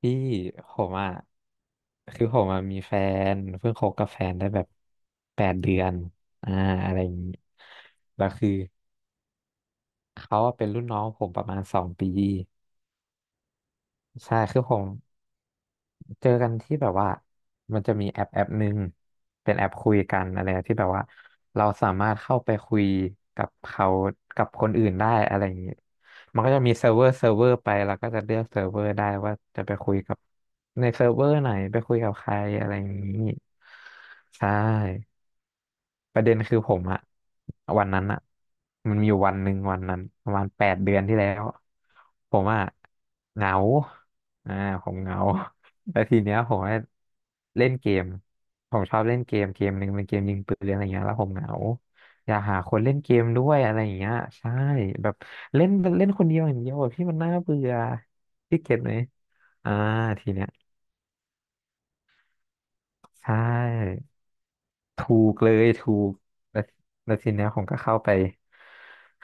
พี่ผมอ่ะคือผมอ่ะมีแฟนเพิ่งคบกับแฟนได้แบบแปดเดือนอ่าอะไรอย่างนี้แล้วคือเขาอะเป็นรุ่นน้องผมประมาณ2 ปีใช่คือผม เจอกันที่แบบว่ามันจะมีแอปหนึ่งเป็นแอปคุยกันอะไรที่แบบว่าเราสามารถเข้าไปคุยกับเขากับคนอื่นได้อะไรอย่างนี้มันก็จะมีเซิร์ฟเวอร์ไปเราก็จะเลือกเซิร์ฟเวอร์ได้ว่าจะไปคุยกับในเซิร์ฟเวอร์ไหนไปคุยกับใครอะไรอย่างนี้ใช่ ประเด็นคือผมอะวันนั้นอะมันมีอยู่วันหนึ่งวันนั้นประมาณแปดเดือนที่แล้วผมอะเหงาอ่าผมเหงา แล้วทีเนี้ยผมก็เล่นเกมผมชอบเล่นเกมเกมหนึ่งเป็นเกมยิงปืนอะไรเงี้ยแล้วผมเหงาอยากหาคนเล่นเกมด้วยอะไรอย่างเงี้ยใช่แบบเล่นเล่นคนเดียวอย่างเดียวอะพี่มันน่าเบื่อพี่เก็ตไหมอ่าทีเนี้ยใช่ ถูกเลยถูกแล้วแล้วทีเนี้ยผมก็เข้าไป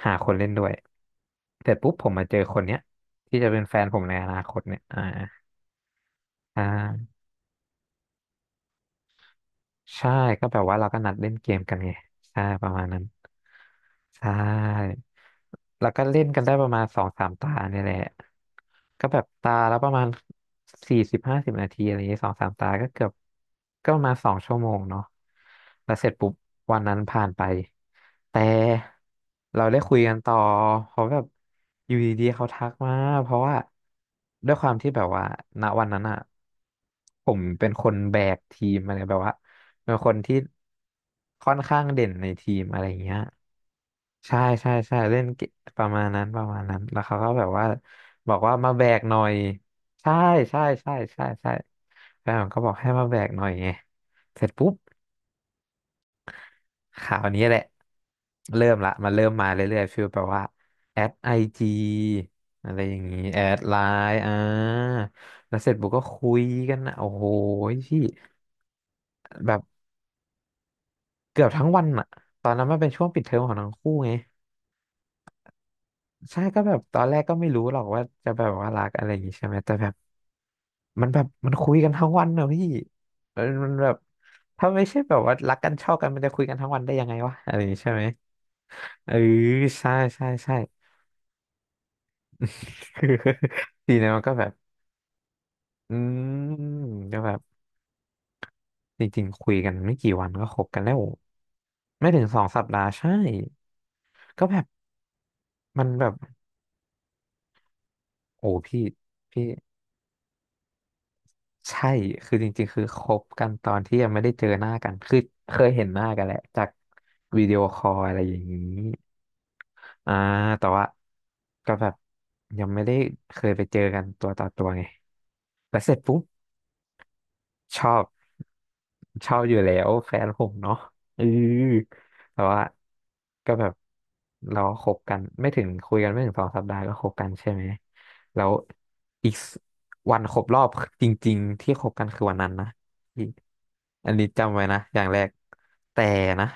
หาคนเล่นด้วยเสร็จปุ๊บผมมาเจอคนเนี้ยที่จะเป็นแฟนผมในอนาคตเนี่ยอ่าใช่ก็แบบว่าเราก็นัดเล่นเกมกันไงใช่ประมาณนั้นใช่ แล้วก็เล่นกันได้ประมาณสองสามตาเนี่ยแหละก็แบบตาแล้วประมาณ40-50 นาทีอะไรอย่างเงี้ยสองสามตาก็เกือบก็ประมาณ2 ชั่วโมงเนาะแล้วเสร็จปุ๊บวันนั้นผ่านไปแต่เราได้คุยกันต่อเพราะแบบอยู่ดีๆเขาทักมาเพราะว่าด้วยความที่แบบว่าณวันนั้นอะผมเป็นคนแบกทีมอะไรแบบว่าเป็นคนที่ค่อนข้างเด่นในทีมอะไรอย่างเงี้ย ใช่ใช่ใช่เล่นเกมประมาณนั้นประมาณนั้นแล้วเขาก็แบบว่าบอกว่ามาแบกหน่อยใช่ใช่ใช่ใช่ใช่แฟนผมก็บอกให้มาแบกหน่อยไงเสร็จปุ๊บข่าวนี้แหละเริ่มละมันเริ่มมาเรื่อยๆฟีลแบบว่าแอดไอจีอะไรอย่างนี้แอดไลน์แล้วเสร็จปุ๊บก็คุยกันนะโอ้โหพี่แบบเกือบทั้งวันอะตอนนั้นมันเป็นช่วงปิดเทอมของทั้งคู่ไง ใช่ก็แบบตอนแรกก็ไม่รู้หรอกว่าจะแบบว่ารักอะไรอย่างงี้ใช่ไหมแต่แบบมันคุยกันทั้งวันเนอะพี่เออมันแบบถ้าไม่ใช่แบบว่ารักกันชอบกันมันจะคุยกันทั้งวันได้ยังไงวะอะไรอย่างงี้ใช่ไหมเออใช่ใช่ใช่ คือทีนั้มันก็แบบอืมก็แบบจริงๆคุยกันไม่กี่วันก็คบกันแล้วไม่ถึงสองสัปดาห์ใช่ก็แบบมันแบบโอ้พี่พี่ ใช่ คือจริงๆ คือคบกันตอนที่ยังไม่ได้เจอหน้ากัน คือเคยเห็นหน้ากันแหละจากวิดีโอคอลอะไรอย่างนี้ อ่า แต่ว่าก็แบบยังไม่ได้เคยไปเจอกันตัวต่อตัวไง แล้วเสร็จปุ๊บ ชอบชอบอยู่แล้วแฟนผมเนาะเออแต่ว่าก็แบบเราก็คบกันไม่ถึงคุยกันไม่ถึงสองสัปดาห์ก็คบกันใช่ไหมแล้วอีกสวันครบรอบจริงๆที่คบกันคือวันนั้นนะอีกอันนี้จำไว้นะอย่างแรกแต่นะ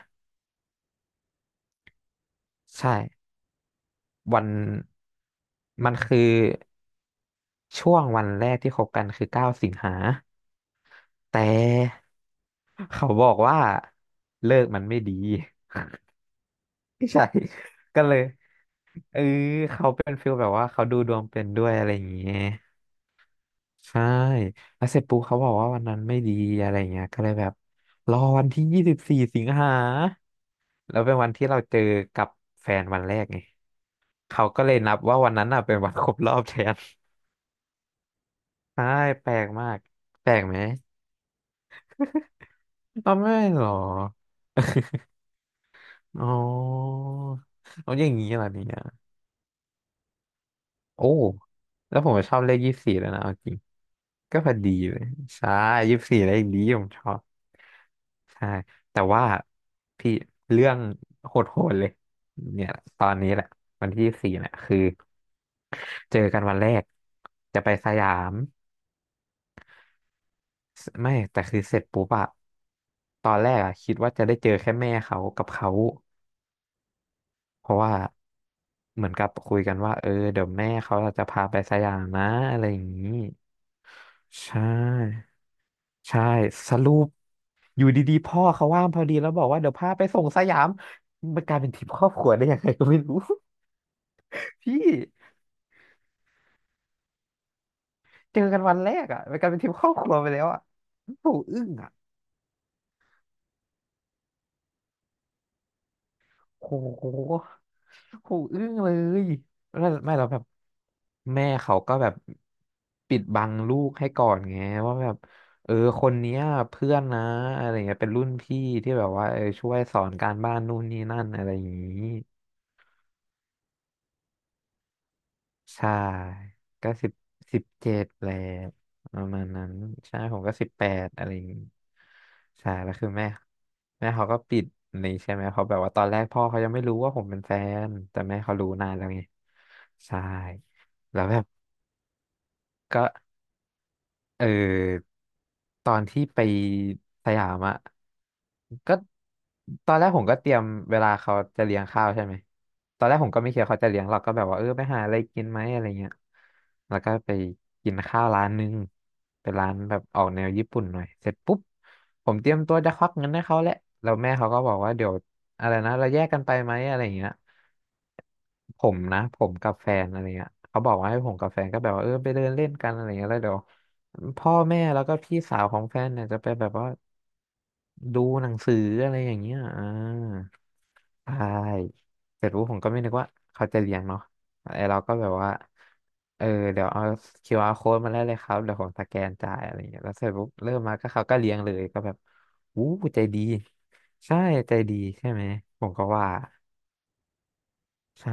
ใช่วันมันคือช่วงวันแรกที่คบกันคือ9 สิงหาแต่เขาบอกว่าเลิกมันไม่ดี ใช่ ก็เลยเออเขาเป็นฟิลแบบว่าเขาดูดวงเป็นด้วยอะไรอย่างเงี้ยใช่แล้วเสร็จปุ๊บเขาบอกว่าวันนั้นไม่ดีอะไรเงี้ยก็เลยแบบรอวันที่24 สิงหาแล้วเป็นวันที่เราเจอกับแฟนวันแรกไงเขาก็เลยนับว่าวันนั้นน่ะเป็นวันครบรอบแทน ใช่แปลกมากแปลกไหมอ๋อไม่หรออ๋อเอาอย่างนี้เหรอเนี่ย โอ้แล้วผมก็ชอบเลขยี่สี่แล้วนะเอาจริงก็พอดีเลยใช่ยี่สี่เลขนี้ผมชอบใช่แต่ว่าพี่เรื่องโหดๆเลยเนี่ยตอนนี้แหละวันที่สี่เนี่ยคือเจอกันวันแรกจะไปสยามไม่แต่คือเสร็จปุ๊บอะตอนแรกอะคิดว่าจะได้เจอแค่แม่เขากับเขาเพราะว่าเหมือนกับคุยกันว่าเออเดี๋ยวแม่เขาจะพาไปสยามนะอะไรอย่างนี้ ใช่ใช่สรุปอยู่ดีๆพ่อเขาว่างพอดีแล้วบอกว่าเดี๋ยวพาไปส่งสยามมันกลายเป็นทริปครอบครัวได้ยังไงก็ไม่รู้ พี่เจอกันวันแรกอ่ะมันกลายเป็นทริปครอบครัวไปแล้วอ่ะโหอึ้งอ่ะโหโหอึ้งเลยแล้วไม่เราแบบแม่เขาก็แบบปิดบังลูกให้ก่อนไงว่าแบบเออคนเนี้ยเพื่อนนะอะไรเงี้ยเป็นรุ่นพี่ที่แบบว่าเออช่วยสอนการบ้านนู่นนี่นั่นอะไรอย่างนี้ ใช่ก็17แหละประมาณนั้นใช่ผมก็18อะไรอย่างงี้ใช่แล้วคือแม่เขาก็ปิดนี่ใช่ไหมเขาะแบบว่าตอนแรกพ่อเขายังไม่รู้ว่าผมเป็นแฟนแต่แม่เขารู้นานแล้วไงใช่แล้วแบบก็ เออตอนที่ไปสยามอะก็ตอนแรกผมก็เตรียมเวลาเขาจะเลี้ยงข้าวใช่ไหมตอนแรกผมก็ไม่คิดว่าเขาจะเลี้ยงเรากก็แบบว่าเออไปหาอะไรกินไหมอะไรเงี้ยแล้วก็ไปกินข้าวร้านนึงเป็นร้านแบบออกแนวญี่ปุ่นหน่อยเสร็จปุ๊บผมเตรียมตัวจะควักเงินให้เขาแหละแล้วแม่เขาก็บอกว่าเดี๋ยวอะไรนะเราแยกกันไปไหมอะไรเงี้ย ผมนะผมกับแฟนอะไรเงี้ยเขาบอกว่าให้ผมกับแฟนก็แบบว่าเออไปเดินเล่นกันอะไรเงี้ยแล้วเดี๋ยวพ่อแม่แล้วก็พี่สาวของแฟนเนี่ยจะไปแบบว่าดูหนังสืออะไรอย่างเงี้ยอ่าใช่เสร็จปุ๊บผมก็ไม่นึกว่าเขาจะเลี้ยงเนาะไอเราก็แบบว่าเออเดี๋ยวเอาคิวอาร r code มาได้เลยครับเดี๋ยวผมสแกนจ่ายอะไรเงี้ยแล้วเสร็จปุ๊บเริ่มมาก็เขาก็เลี้ยงเลยก็แบบอู้ใจดีใช่ใจดีใช่ไหมผมก็ว่า ใช่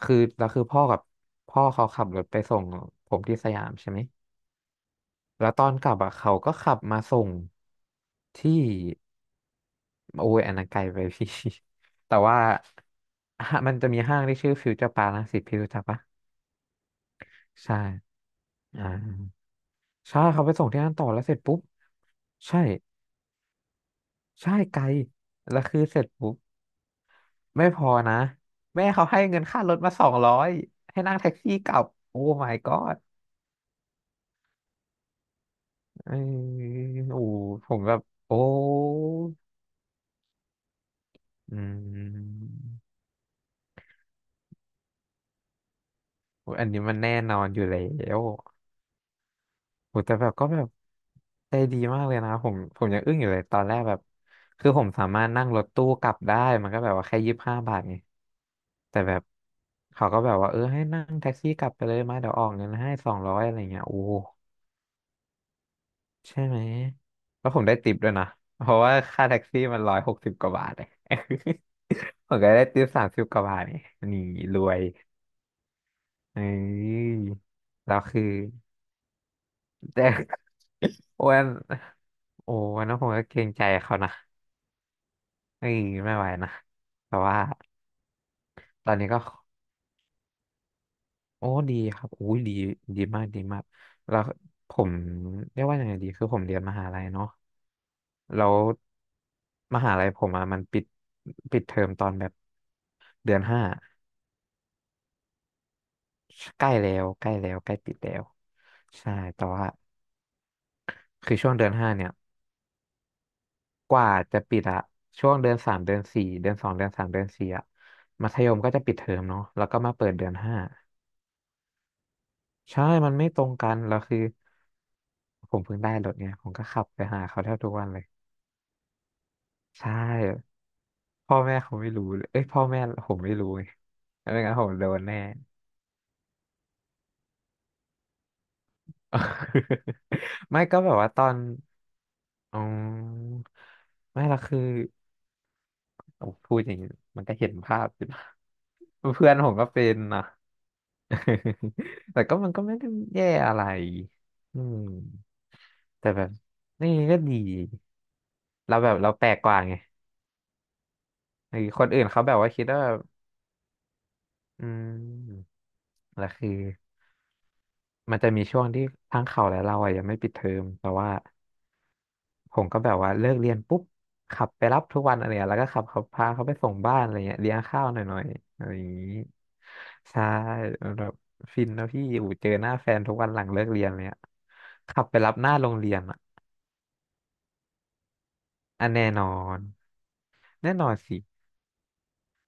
คือแล้วคือพ่อเขาขับรถไปส่งผมที่สยามใช่ไหมแล้วตอนกลับอ่ะเขาก็ขับมาส่งที่โอ้ยอันนั้นไกลไปพี่ แต่ว่า ฮะมันจะมีห้างที่ชื่อฟิวเจอร์ปาร์ครังสิตพี่รู้จักปะใช่อ่าใช่เขาไปส่งที่นั่นต่อแล้วเสร็จปุ๊บ ใช่ใช่ไกลแล้วคือเสร็จปุ๊บไม่พอนะแม่เขาให้เงินค่ารถมาสองร้อยให้นั่งแท็กซี่กลับโอ้ my god เออโอ้โหผมแบบโอ้อืมโอ้อันนี้มันแน่นอนอยู่แล้วโอ้แต่แบบก็แบบใจดีมากเลยนะผมยังอึ้งอยู่เลยตอนแรกแบบคือผมสามารถนั่งรถตู้กลับได้มันก็แบบว่าแค่25 บาทไงแต่แบบเขาก็แบบว่าเออให้นั่งแท็กซี่กลับไปเลยมาเดี๋ยวออกเงินให้สองร้อยอะไรเงี้ยโอ้ใช่ไหมแล้วผมได้ติปด้วยนะเพราะว่าค่าแท็กซี่มัน160 กว่าบาท เลย ผมก็ได้ติป30 กว่าบาทนี่รวยเอ้ยแล้วคือแต่ วันโอ้วันนั้นผมก็เกรงใจเขานะเอ้ยไม่ไหวนะแต่ว่าตอนนี้ก็โอ้ดีครับอุ้ยดีดีมากดีมากแล้วผมเรียกว่ายังไงดีคือผมเรียนมหาลัยเนาะแล้วมหาลัยผมอะมันปิดเทอมตอนแบบเดือนห้าใกล้แล้วใกล้แล้วใกล้ปิดแล้วใช่แต่ว่าคือช่วงเดือนห้าเนี่ย กว่าจะปิดอะช่วงเดือนสามเดือนสี่เดือนสองเดือนสามเดือนสี่อะมัธยมก็จะปิดเทอมเนาะแล้วก็มาเปิดเดือนห้าใช่มันไม่ตรงกันแล้วคือผมเพิ่งได้รถเนี่ยผมก็ขับไปหาเขาแทบทุกวันเลยใช่พ่อแม่เขาไม่รู้เลยเอ้ยพ่อแม่ผมไม่รู้ไงไม่งั้นผมโดนแน่ ไม่ก็แบบว่าตอนอืมไม่ละคือ เอาพูดอย่างนี้มันก็เห็นภาพอยู่นะ เพื่อนผมก็เป็นนะ แต่ก็มันก็ไม่ได้แย่อะไรอืมแต่แบบนี่ก็ดีเราแบบเราแปลกกว่าไงไอ้คนอื่นเขาแบบว่าคิดว่าแบบอืมแล้วคือมันจะมีช่วงที่ทั้งเขาและเราอะยังไม่ปิดเทอมแต่ว่า ผมก็แบบว่าเลิกเรียนปุ๊บขับไปรับทุกวันอะไรเงี้ยแล้วก็ขับเขาพาเขาไปส่งบ้านอะไรเงี้ยเลี้ยงข้าวหน่อยหน่อยอะไรอย่างนี้ใช่แบบฟินนะพี่อูเจอหน้าแฟนทุกวันหลังเลิกเรียนเลยอะขับไปรับหน้าโรงเรียนอะอันแน่นอนแน่นอนสิ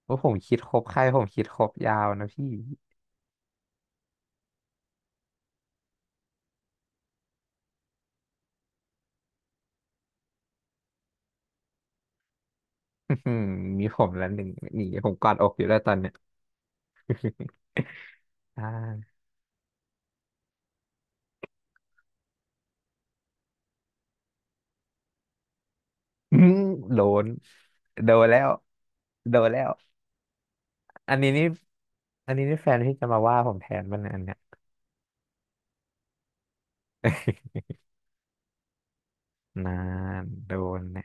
ว่าผมคิดครบใครผมคิดครบยาวนะพี่ อื้อหือมีผมแล้วหนึ่งหนีผมกอดอกอยู่แล้วตอนเนี้ยอ่า อื้อโดนโดนแล้วโดนแล้ว อันนี้นี่อันนี้นี่แฟนพี่จะมาว่าผมแทนมันยอันเนี้ยนานโดนแน่